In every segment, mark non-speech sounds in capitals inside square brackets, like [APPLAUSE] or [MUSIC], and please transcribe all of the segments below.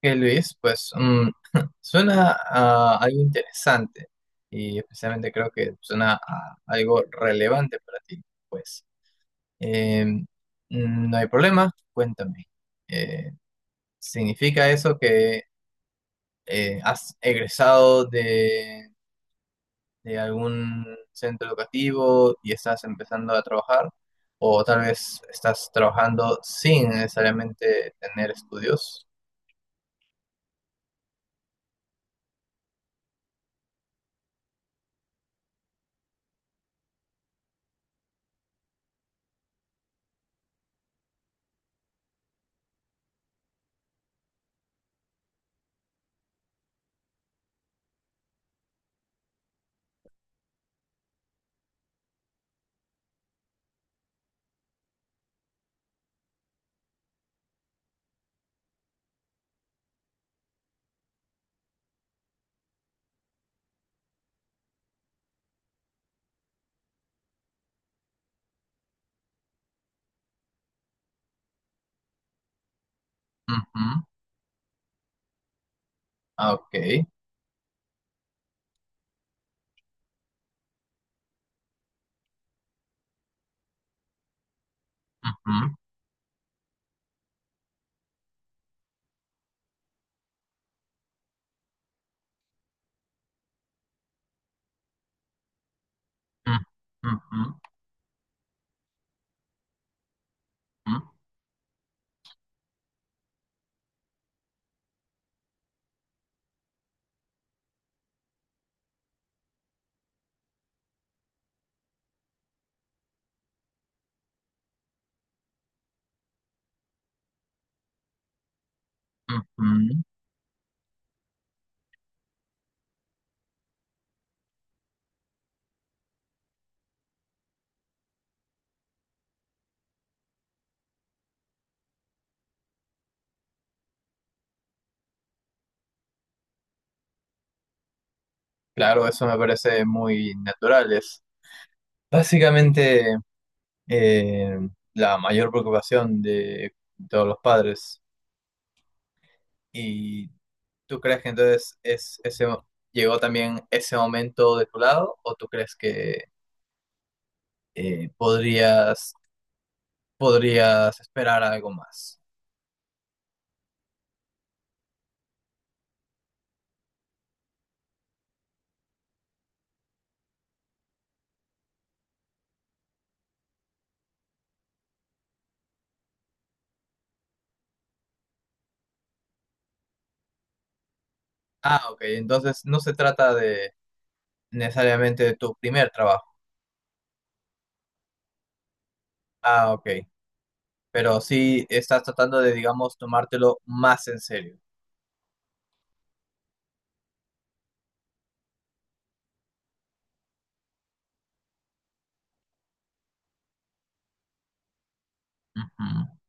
Que Luis, pues [LAUGHS] suena a algo interesante y especialmente creo que suena a algo relevante para ti. Pues Eh, mm, no hay problema, cuéntame. Eh, ¿Significa eso que has egresado de algún centro educativo y estás empezando a trabajar? O tal vez estás trabajando sin necesariamente tener estudios. Ujú, ah, ok. Ujú. Mm, mm, mm, mm, mm, mm. Claro, eso me parece muy natural. Es básicamente, eh, la mayor preocupación de todos los padres. ¿Y tú crees que entonces es ese llegó también ese momento de tu lado o tú crees que podrías podrías esperar algo más? Ah, ok. Entonces no se trata de necesariamente de tu primer trabajo. Ah, ok, pero sí estás tratando de, digamos, tomártelo más en serio. Ujú,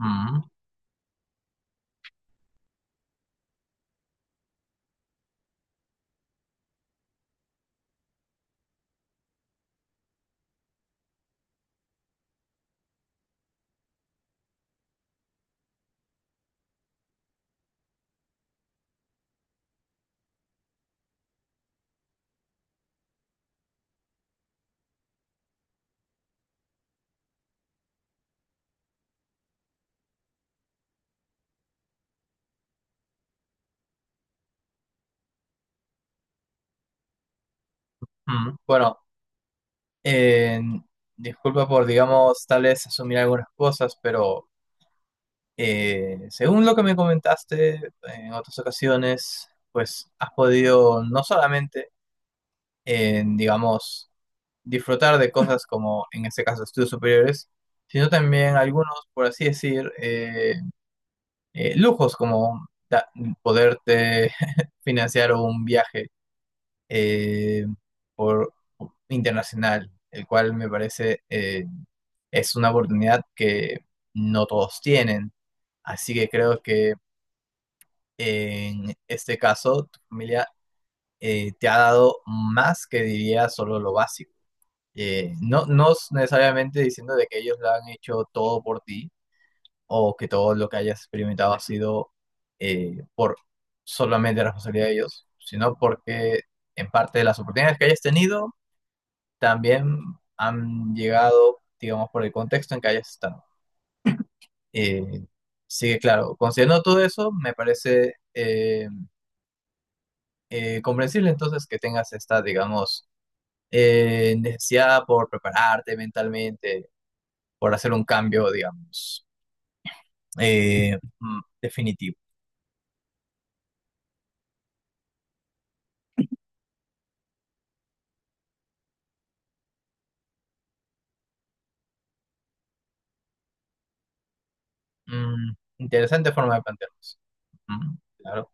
ujú, ujú. Bueno, eh, disculpa por, digamos, tal vez asumir algunas cosas, pero según lo que me comentaste en otras ocasiones, pues has podido no solamente, digamos, disfrutar de cosas como en este caso estudios superiores, sino también algunos, por así decir, lujos como poderte [LAUGHS] financiar un viaje eh, por internacional, el cual me parece es una oportunidad que no todos tienen. Así que creo que en este caso tu familia te ha dado más que diría solo lo básico. No, no es necesariamente diciendo de que ellos lo han hecho todo por ti, o que todo lo que hayas experimentado ha sido, por solamente la responsabilidad de ellos, sino porque en parte de las oportunidades que hayas tenido también han llegado, digamos, por el contexto en que hayas estado. Eh, sí, claro, considerando todo eso, me parece comprensible entonces que tengas esta, digamos, necesidad por prepararte mentalmente, por hacer un cambio, digamos, definitivo. Mm, Interesante forma de plantearnos. Claro.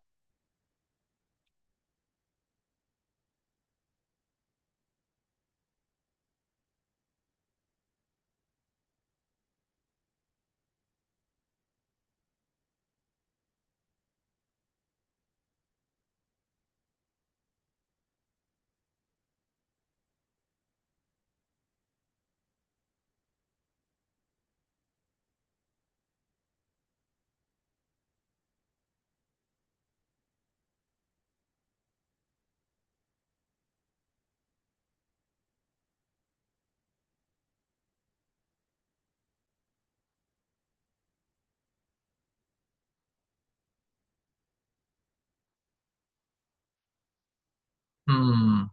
Mm,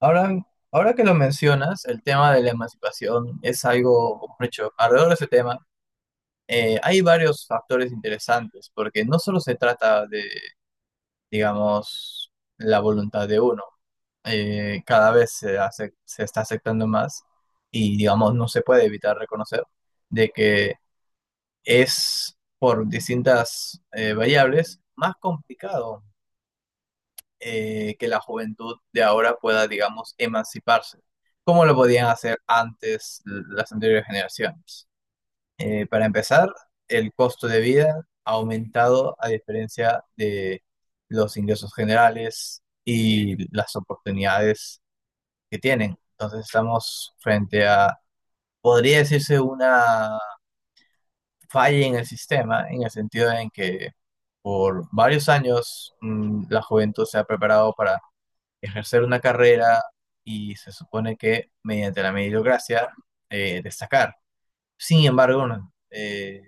Ahora, ahora que lo mencionas, el tema de la emancipación es algo, por hecho, alrededor de ese tema hay varios factores interesantes, porque no solo se trata de, digamos, la voluntad de uno, cada vez se hace, se está aceptando más y, digamos, no se puede evitar reconocer de que es por distintas variables más complicado, que la juventud de ahora pueda, digamos, emanciparse, como lo podían hacer antes las anteriores generaciones. Para empezar, el costo de vida ha aumentado a diferencia de los ingresos generales y las oportunidades que tienen. Entonces estamos frente a, podría decirse, una falla en el sistema, en el sentido en que por varios años la juventud se ha preparado para ejercer una carrera y se supone que mediante la meritocracia destacar. Sin embargo, no,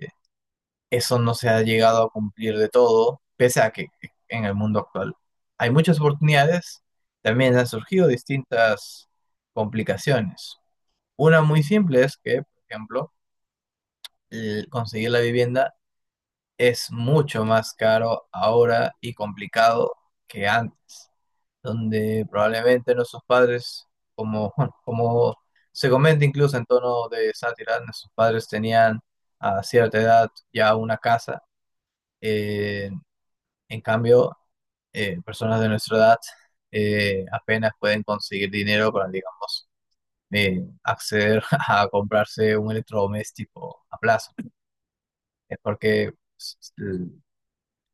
eso no se ha llegado a cumplir de todo, pese a que en el mundo actual hay muchas oportunidades, también han surgido distintas complicaciones. Una muy simple es que, por ejemplo, el conseguir la vivienda es mucho más caro ahora y complicado que antes, donde probablemente nuestros padres, como, [LAUGHS] como se comenta incluso en tono de sátira, nuestros padres tenían a cierta edad ya una casa. eh, en cambio, personas de nuestra edad apenas pueden conseguir dinero para, digamos, acceder [LAUGHS] a comprarse un electrodoméstico a plazo, es porque s- s-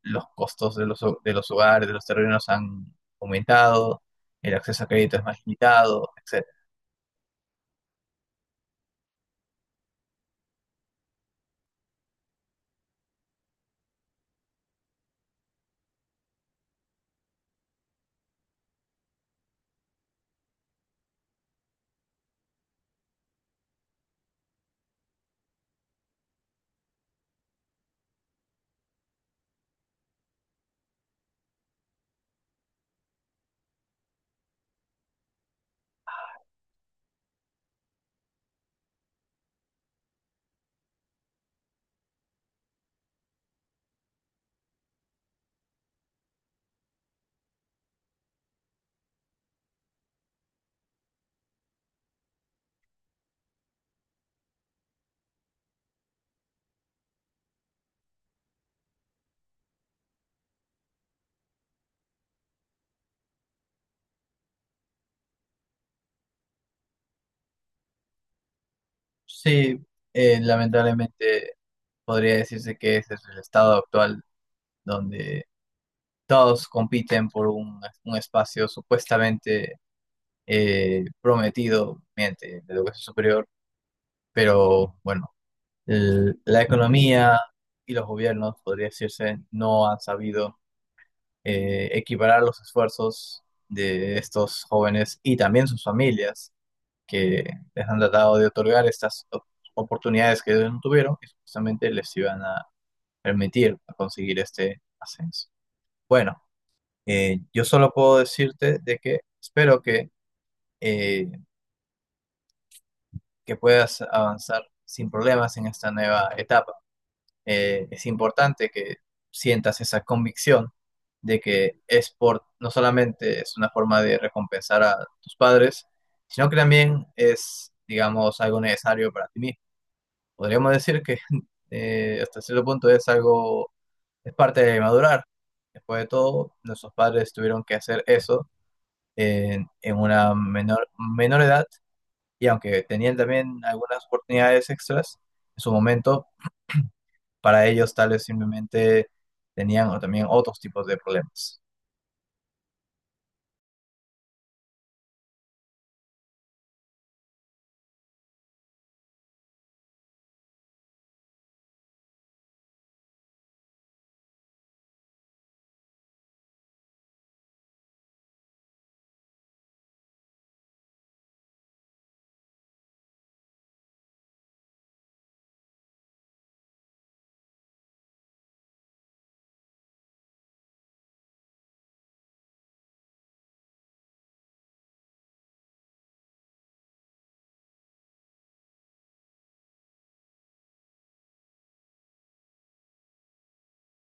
los costos de los, de los hogares, de los terrenos han aumentado, el acceso a crédito es más limitado, etc. Sí, lamentablemente podría decirse que ese es el estado actual donde todos compiten por un espacio supuestamente prometido mediante la educación superior, pero bueno, la economía y los gobiernos, podría decirse, no han sabido equiparar los esfuerzos de estos jóvenes y también sus familias, que les han tratado de otorgar estas oportunidades que ellos no tuvieron y supuestamente les iban a permitir conseguir este ascenso. Bueno, yo solo puedo decirte de que espero eh, que puedas avanzar sin problemas en esta nueva etapa. Es importante que sientas esa convicción de que es por, no solamente es una forma de recompensar a tus padres, sino que también es, digamos, algo necesario para ti mismo. Podríamos decir que [LAUGHS] hasta cierto punto es algo, es parte de madurar. Después de todo, nuestros padres tuvieron que hacer eso en una menor, menor edad, y aunque tenían también algunas oportunidades extras, en su momento, para ellos tal vez simplemente tenían o también otros tipos de problemas.